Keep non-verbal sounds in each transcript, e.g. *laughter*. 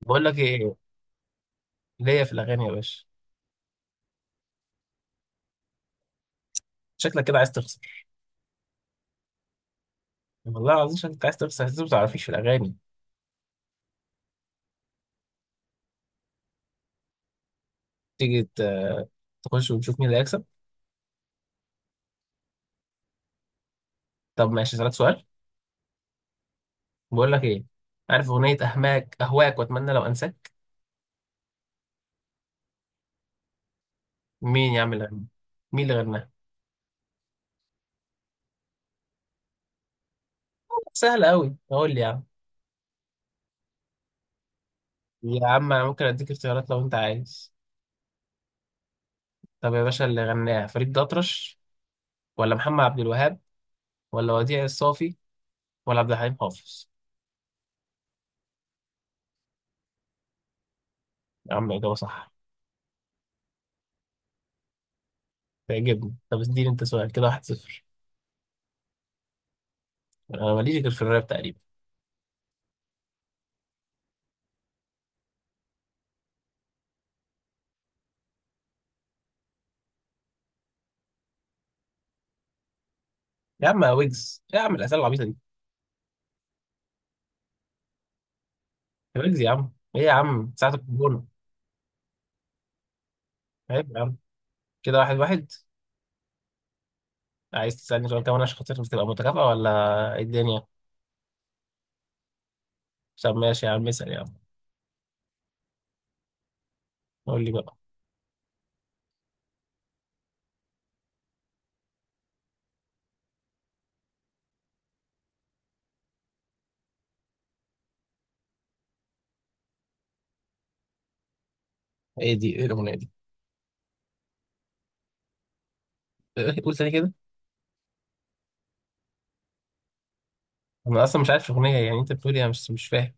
بقول لك ايه؟ ليا في الاغاني يا باشا. شكلك كده عايز تخسر. والله العظيم شكلك عايز تخسر، انت ما تعرفيش في الاغاني. تيجي تخش وتشوف مين اللي هيكسب. طب ماشي، اسالك سؤال. بقول لك ايه؟ عارف اغنيه اهماك اهواك واتمنى لو انساك؟ مين يا عم اللي غناها؟ مين اللي غناها؟ سهله قوي، قول لي يا عم. يا عم انا ممكن اديك اختيارات لو انت عايز. طب يا باشا، اللي غناها فريد الأطرش ولا محمد عبد الوهاب ولا وديع الصافي ولا عبد الحليم حافظ؟ يا عم اجابه صح. تعجبني. طب اديني انت سؤال كده، واحد صفر. انا ماليش غير في الراب تقريبا. يا عم يا ويجز، إيه يا عم الاسئله العبيطه دي؟ يا ويجز يا عم، ايه يا عم، ساعه الكورونا؟ عيب يا عم. كده واحد واحد. عايز تسالني سؤال كمان عشان خاطر تبقى متكافئه ولا ايه الدنيا؟ طب ماشي يا عم، اسال يا عم. قول لي بقى. ايه دي؟ ايه الاغنيه دي؟ *laughs* قول تاني كده. انا اصلا مش عارف الاغنيه، يعني انت بتقول ايه؟ مش فاهم.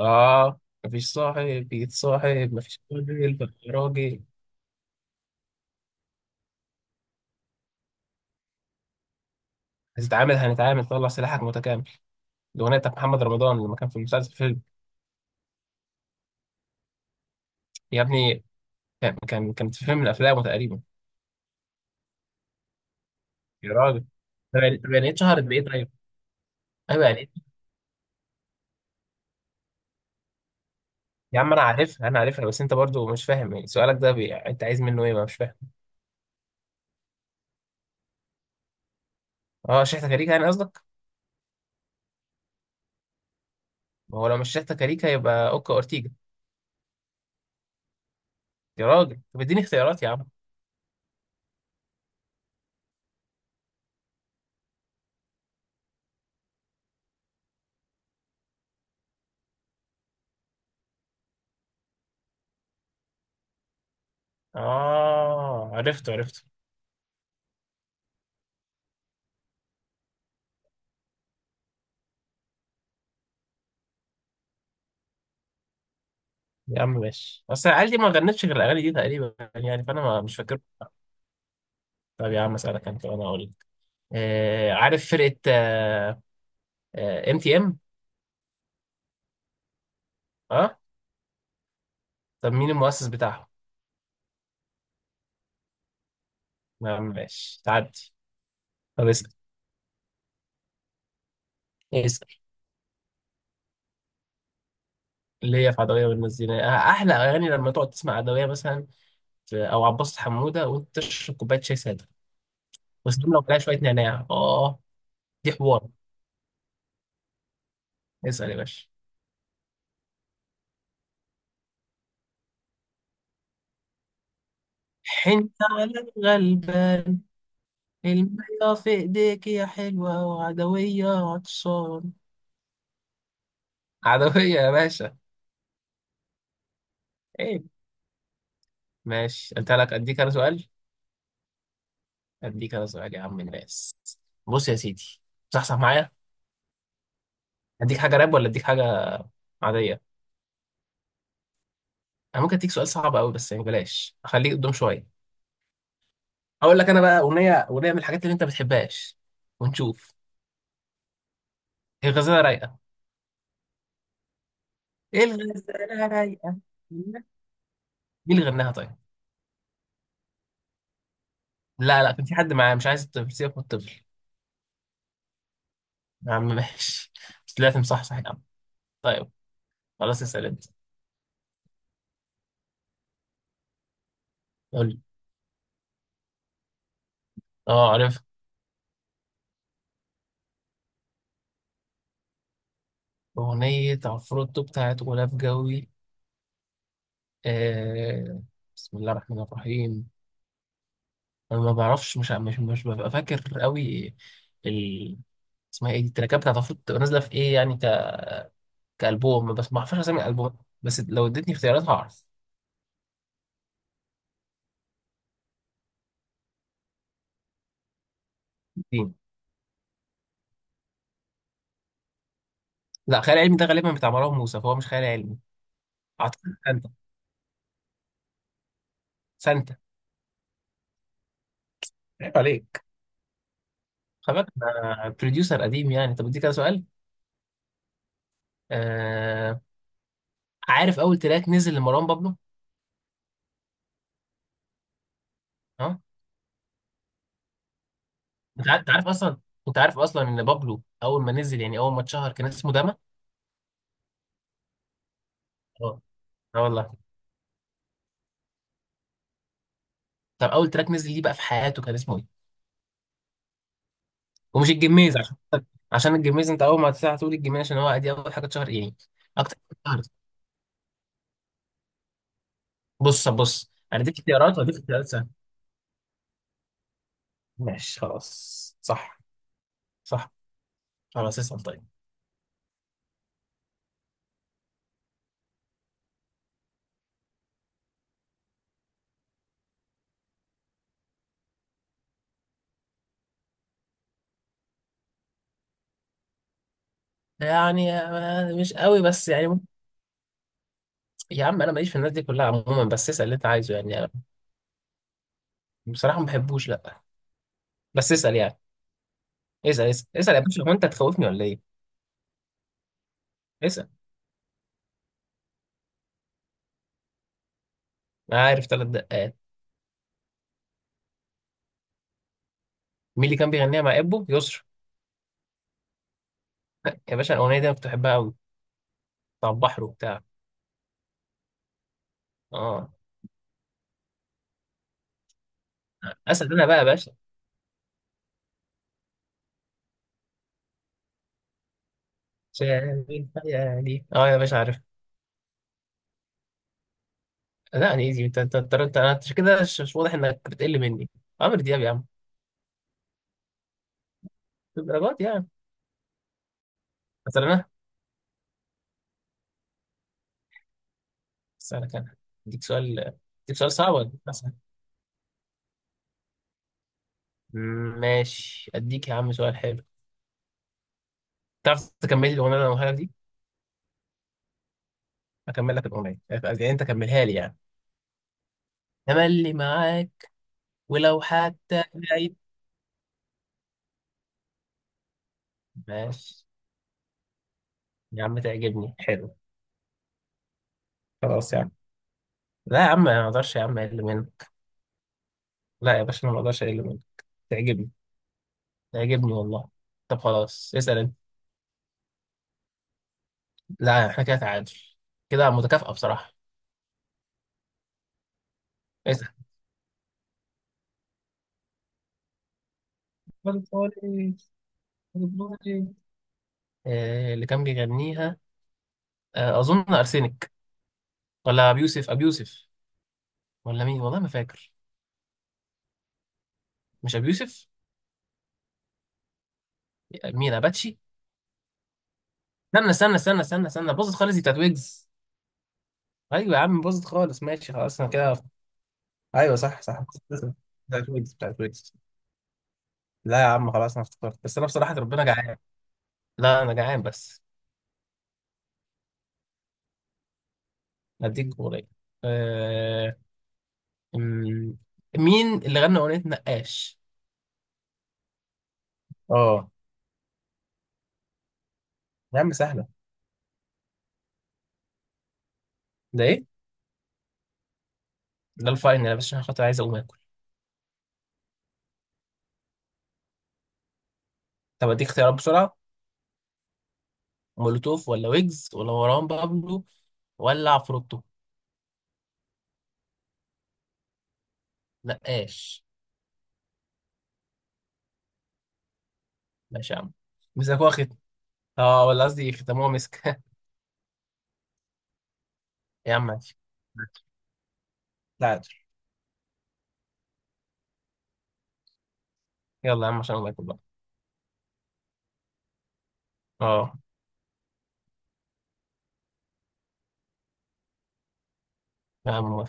اه. مفيش صاحب يتصاحب، مفيش راجل بقى راجل. هتتعامل هنتعامل طلع سلاحك متكامل. الاغنيه بتاعت محمد رمضان، لما كان في المسلسل فيلم. يا ابني، كانت في فيلم من افلامه تقريبا. يا راجل. طب يعني، طب يعني إيه اتشهرت بايه طيب؟ ايوه يعني إيه؟ يا عم انا عارفها انا عارفها، بس انت برضو مش فاهم يعني. سؤالك ده انت عايز منه ايه؟ ما مش فاهم. اه، شحتة كاريكا يعني قصدك؟ ما هو لو مش شحتة كاريكا يبقى اوكا اورتيجا. يا راجل، طب اديني اختيارات يا عم. اه عرفته عرفته. يا عم ماشي، اصل العيال دي ما غنتش غير الاغاني دي تقريبا يعني، فانا ما مش فاكر. طب يا عم اسالك انت وانا اقول لك. آه عارف فرقه ام تي ام؟ اه MTM؟ آه؟ طب مين المؤسس بتاعهم؟ يا عم ماشي، تعدي. طب اسال. اسال. ليا في عدوية والمزينة، آه، أحلى أغاني لما تقعد تسمع عدوية مثلا، أو عباس حمودة، وأنت تشرب كوباية شاي سادة وسلم لو عليها شوية نعناع آه. دي حوار. اسأل يا باشا. حنت على الغلبان. المية في إيديك يا حلوة وعدوية عطشان. عدوية يا باشا. إيه؟ ماشي أنت لك، أديك أنا سؤال. أديك أنا سؤال يا عم الناس. بص يا سيدي، صحصح معايا. أديك حاجة راب ولا أديك حاجة عادية؟ أنا ممكن أديك سؤال صعب أوي، بس يعني بلاش أخليك قدام شوية. هقول لك انا بقى اغنيه، اغنيه من الحاجات اللي انت ما بتحبهاش، ونشوف. هي غزاله رايقه. ايه الغزاله رايقه؟ مين اللي غناها طيب؟ لا لا، كان في حد معاه، مش عايز الطفل، سيبك من الطفل. يا عم ماشي *laughs* بس طلعت مصحصح يا عم. طيب، خلاص اسال انت. قول لي. اه عارف، اغنيه عفروتو بتاعت غلاف جوي؟ آه. بسم الله الرحمن الرحيم. انا ما بعرفش، مش ببقى فاكر قوي. ال، اسمها ايه دي؟ التراكات بتاعت عفروتو بتبقى نازله في ايه يعني كألبوم؟ بس ما اعرفش اسامي الألبوم، بس لو اديتني اختيارات هعرف. اتنين. لا، خيال علمي ده غالبا بتاع مروان موسى، فهو مش خيال علمي. اعتقد سانتا. سانتا. عيب عليك. خلي بالك انا بروديوسر قديم يعني. طب اديك كده سؤال. آه... عارف اول تراك نزل لمروان بابلو؟ ها. انت عارف، أنت عارف اصلا. انت عارف اصلا ان بابلو اول ما نزل، يعني اول ما اتشهر كان اسمه داما. اه. اه والله. طب اول تراك نزل ليه بقى في حياته كان اسمه ايه؟ ومش الجميز، عشان، عشان الجميز انت اول ما هتقول الجميز عشان هو دي اول حاجه اتشهر يعني اكتر. بص بص، انا اديك اختيارات، واديك اختيارات سهله. ماشي خلاص، صح صح. خلاص اسال طيب. يعني آه، مش قوي، بس يا عم انا ماليش في الناس دي كلها عموما، بس اسال اللي انت عايزه يعني. أنا بصراحه ما بحبوش، لا، بس اسال يعني. اسال اسال اسال يا باشا، هو انت تخوفني ولا ايه؟ اسال. انا عارف ثلاث دقات. مين اللي كان بيغنيها مع ابو يسرا؟ *laughs* يا باشا الاغنيه دي انا كنت بحبها قوي، بتاع البحر وبتاع. اه. اسال انا بقى يا باشا. شايف خيالي، اه يا باشا عارف. لا انا ايزي، انت انت انت انت أنت كده، مش واضح انك بتقل مني. عمرو دياب يا عم. في الدرجات يعني. مثلا انا اسالك انا، اديك سؤال، اديك سؤال صعب ولا إيه؟ مثلا ماشي، اديك يا عم سؤال حلو. تعرف تكمل لي الاغنيه اللي انا هقولها لك دي؟ اكمل لك الاغنيه، يعني انت كملها لي يعني. تملي معاك، ولو حتى بعيد. ماشي يا عم، تعجبني حلو. خلاص يا عم. لا يا عم، ما اقدرش يا عم اقل منك. لا يا باشا، انا ما اقدرش اقل منك. تعجبني، تعجبني والله. طب خلاص، اسال انت. لا احنا كده تعادل. كده متكافئة بصراحة. اسأل. خد خالص. خد خالص. آه، اللي كان بيغنيها آه، أظن أرسنك، ولا أبي يوسف، أبي يوسف، ولا مين، والله ما فاكر. مش أبي يوسف. مين، أباتشي؟ استنى استنى استنى استنى استنى، باظت خالص دي بتاعت ويجز. أيوة يا عم، باظت خالص. ماشي خلاص، أنا كده. أيوة صح صح. بتاعت ويجز، بتاعت ويجز. لا يا عم خلاص، أنا افتكرت، بس أنا بصراحة ربنا جعان. لا أنا جعان بس. هديك جمهورية. أمم، مين اللي غنى اغنيه نقاش؟ اه. يا عم سهله. ده ايه؟ ده الفاينل يا باشا، عشان خاطر عايز اقوم اكل. طب اديك اختيارات بسرعه. مولوتوف ولا ويجز ولا مروان بابلو ولا عفروتو؟ نقاش. ماشي يا عم. مسكوها ختم. اه، ولا قصدي ختموها مسك *laughs* يا عم ماشي. لا عادي. يلا يا عم، عشان الله يكبر. اه. يا عم.